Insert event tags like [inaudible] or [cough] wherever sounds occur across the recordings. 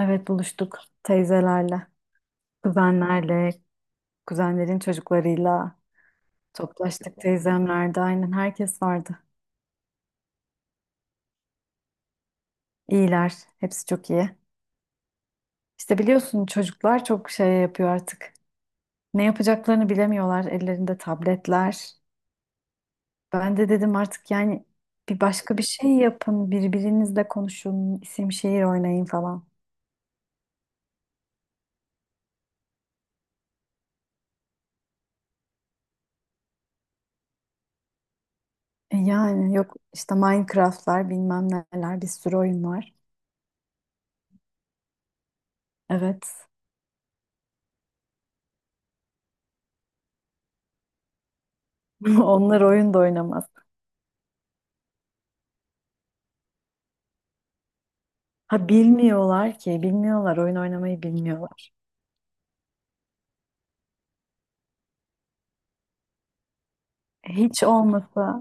Evet buluştuk teyzelerle, kuzenlerle, kuzenlerin çocuklarıyla toplaştık. Teyzemlerde aynen herkes vardı. İyiler, hepsi çok iyi. İşte biliyorsun çocuklar çok şey yapıyor artık. Ne yapacaklarını bilemiyorlar, ellerinde tabletler. Ben de dedim artık yani bir başka bir şey yapın, birbirinizle konuşun, isim şehir oynayın falan. E yani yok işte Minecraft'lar bilmem neler bir sürü oyun var. Evet. [laughs] Onlar oyun da oynamaz. Ha bilmiyorlar ki, bilmiyorlar. Oyun oynamayı bilmiyorlar. Hiç olmasa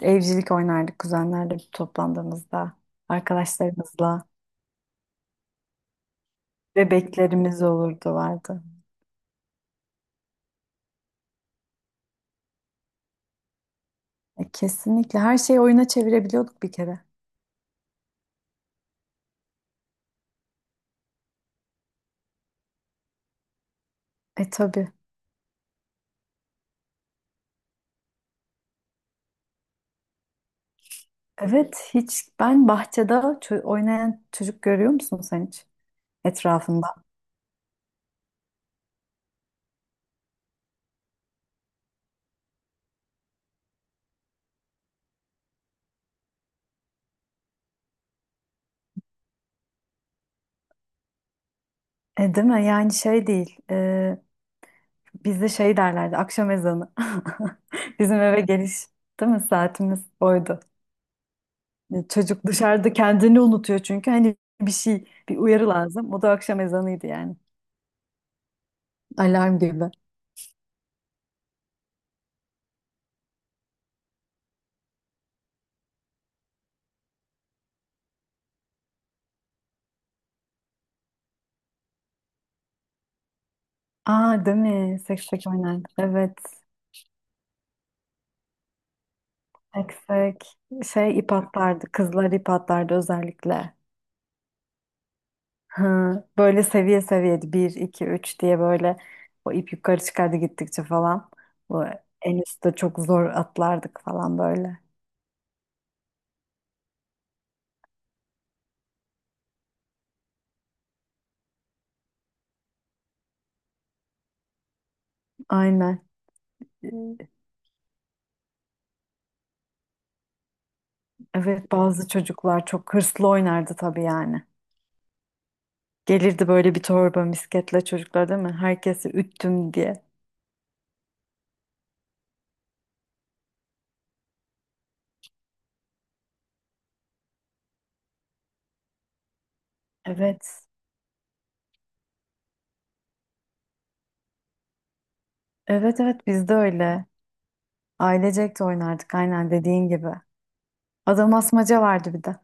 evcilik oynardık kuzenlerle toplandığımızda, arkadaşlarımızla. Bebeklerimiz olurdu vardı. E, kesinlikle her şeyi oyuna çevirebiliyorduk bir kere. E tabii. Evet hiç ben bahçede oynayan çocuk görüyor musun sen hiç etrafında? E, değil mi? Yani şey değil. Bizde şey derlerdi akşam ezanı. [laughs] Bizim eve geliş değil mi saatimiz oydu. E, çocuk dışarıda kendini unutuyor çünkü hani bir şey bir uyarı lazım. O da akşam ezanıydı yani. Alarm gibi. Aa değil mi? Seksek oynardık. Evet. Seksek. Şey ip atlardı. Kızlar ip atlardı özellikle. Hı. Böyle seviye seviyedi. Bir, iki, üç diye böyle o ip yukarı çıkardı gittikçe falan. Bu en üstte çok zor atlardık falan böyle. Aynen. Evet bazı çocuklar çok hırslı oynardı tabii yani. Gelirdi böyle bir torba misketle çocuklar değil mi? Herkesi üttüm diye. Evet. Evet evet biz de öyle. Ailecek de oynardık aynen dediğin gibi. Adam asmaca vardı bir de.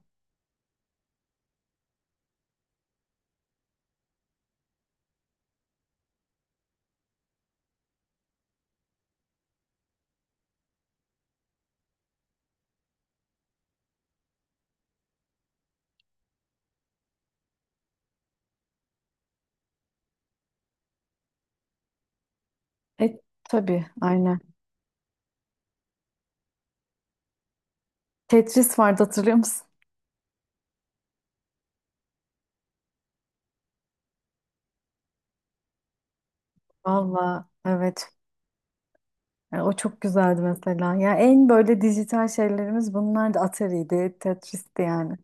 E tabii aynen. Tetris vardı hatırlıyor musun? Valla evet. E, o çok güzeldi mesela. Ya en böyle dijital şeylerimiz bunlar da Atari'ydi, Tetris'ti yani.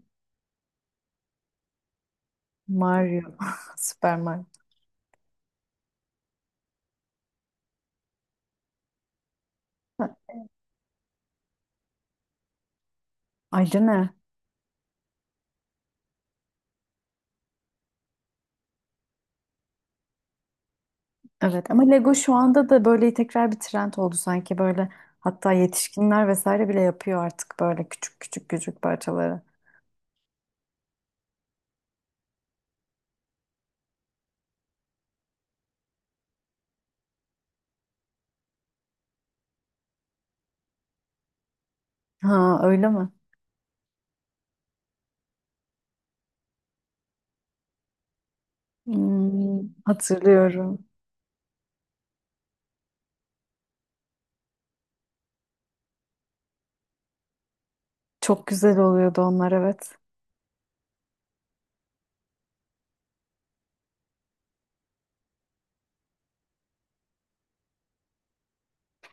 Mario, [laughs] Super Mario. Ha, ayrı ne? Evet ama Lego şu anda da böyle tekrar bir trend oldu sanki böyle, hatta yetişkinler vesaire bile yapıyor artık böyle küçük küçük küçük parçaları. Ha öyle mi? Hmm, hatırlıyorum. Çok güzel oluyordu onlar, evet.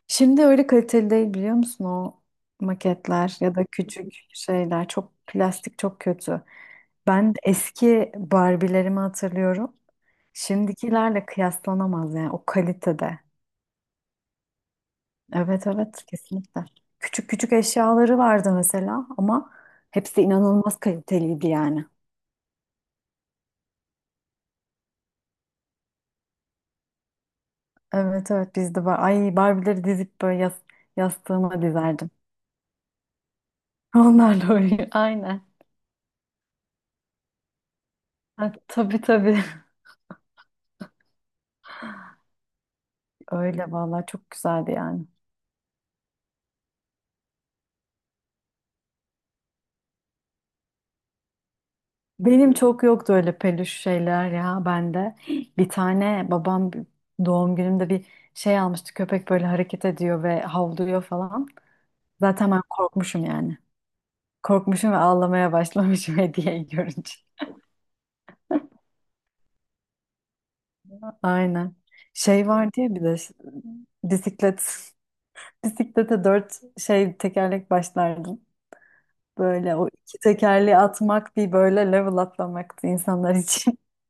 Şimdi öyle kaliteli değil biliyor musun o maketler ya da küçük şeyler, çok plastik çok kötü. Ben eski Barbie'lerimi hatırlıyorum. Şimdikilerle kıyaslanamaz yani o kalitede. Evet evet kesinlikle. Küçük küçük eşyaları vardı mesela ama hepsi inanılmaz kaliteliydi yani. Evet evet bizde var. Ay Barbie'leri dizip böyle yastığıma dizerdim. [laughs] Onlarla oynuyor. Aynen. Ha, tabii tabii. Öyle vallahi çok güzeldi yani. Benim çok yoktu öyle peluş şeyler ya bende. Bir tane babam doğum günümde bir şey almıştı. Köpek böyle hareket ediyor ve havlıyor falan. Zaten ben korkmuşum yani. Korkmuşum ve ağlamaya başlamışım [laughs] hediyeyi görünce. Aynen. Şey var diye bir de bisiklet. Bisiklete dört tekerlek başlardım. Böyle o iki tekerleği atmak bir böyle level atlamaktı insanlar için. [laughs]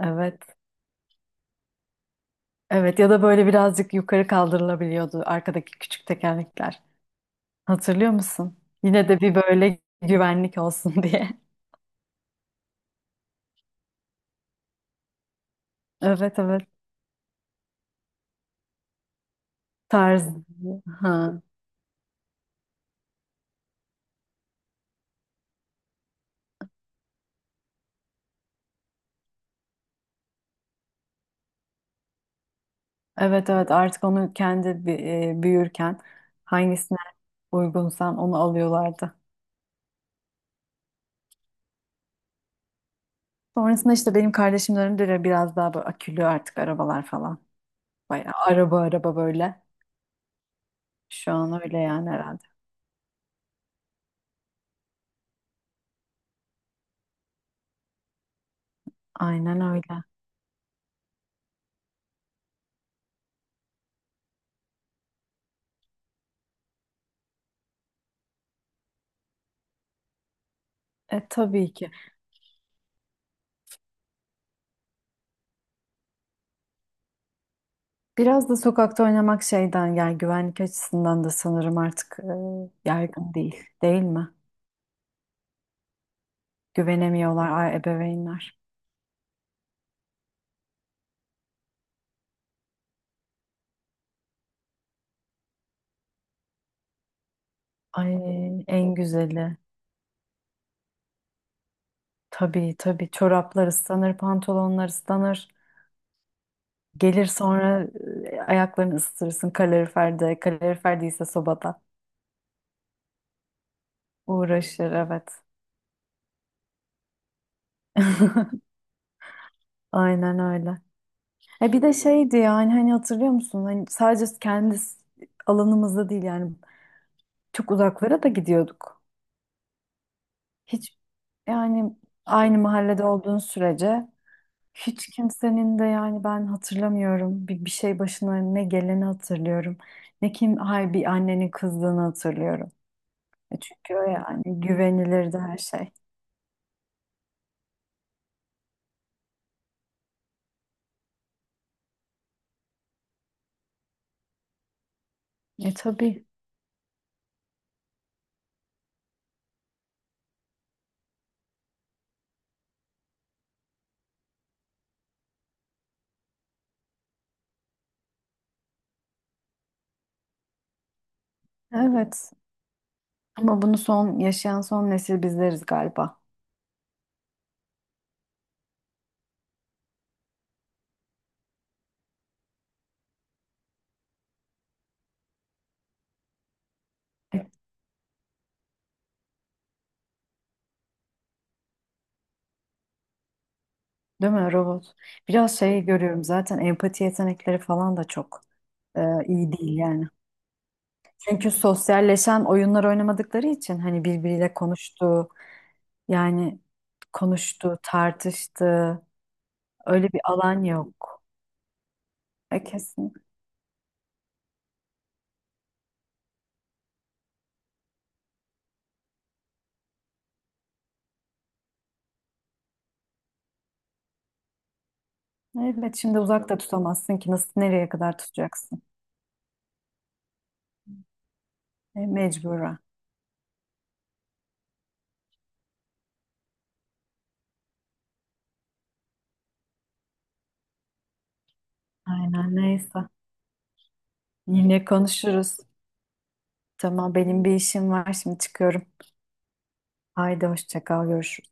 Evet. Evet ya da böyle birazcık yukarı kaldırılabiliyordu arkadaki küçük tekerlekler. Hatırlıyor musun? Yine de bir böyle güvenlik olsun [laughs] diye. Evet evet. Tarz. Ha. Evet evet artık onu kendi büyürken hangisine uygunsan onu alıyorlardı. Sonrasında işte benim kardeşimin de biraz daha böyle akülü artık arabalar falan. Bayağı araba araba böyle. Şu an öyle yani herhalde. Aynen öyle. E tabii ki. Biraz da sokakta oynamak şeyden yani güvenlik açısından da sanırım artık yaygın değil. Değil mi? Güvenemiyorlar ebeveynler. Ay en güzeli. Tabii tabii çoraplar ıslanır, pantolonlar ıslanır. Gelir sonra ayaklarını ısıtırsın kaloriferde. Kalorifer değilse sobada. Uğraşır evet. [laughs] Aynen öyle. E bir de şeydi yani hani hatırlıyor musun? Hani sadece kendi alanımızda değil yani çok uzaklara da gidiyorduk. Hiç yani aynı mahallede olduğun sürece hiç kimsenin de yani ben hatırlamıyorum, bir şey başına ne geleni hatırlıyorum. Ne kim hay bir annenin kızdığını hatırlıyorum. E çünkü o yani güvenilirdi her şey. E tabii. Evet. Ama bunu son yaşayan son nesil bizleriz galiba. E, değil mi robot? Biraz şey görüyorum zaten, empati yetenekleri falan da çok e, iyi değil yani. Çünkü sosyalleşen oyunlar oynamadıkları için hani birbiriyle konuştu yani, konuştu, tartıştı. Öyle bir alan yok. E kesin. Evet şimdi uzakta tutamazsın ki, nasıl nereye kadar tutacaksın? E, mecburen. Aynen neyse. Yine konuşuruz. Tamam benim bir işim var, şimdi çıkıyorum. Haydi hoşça kal, görüşürüz.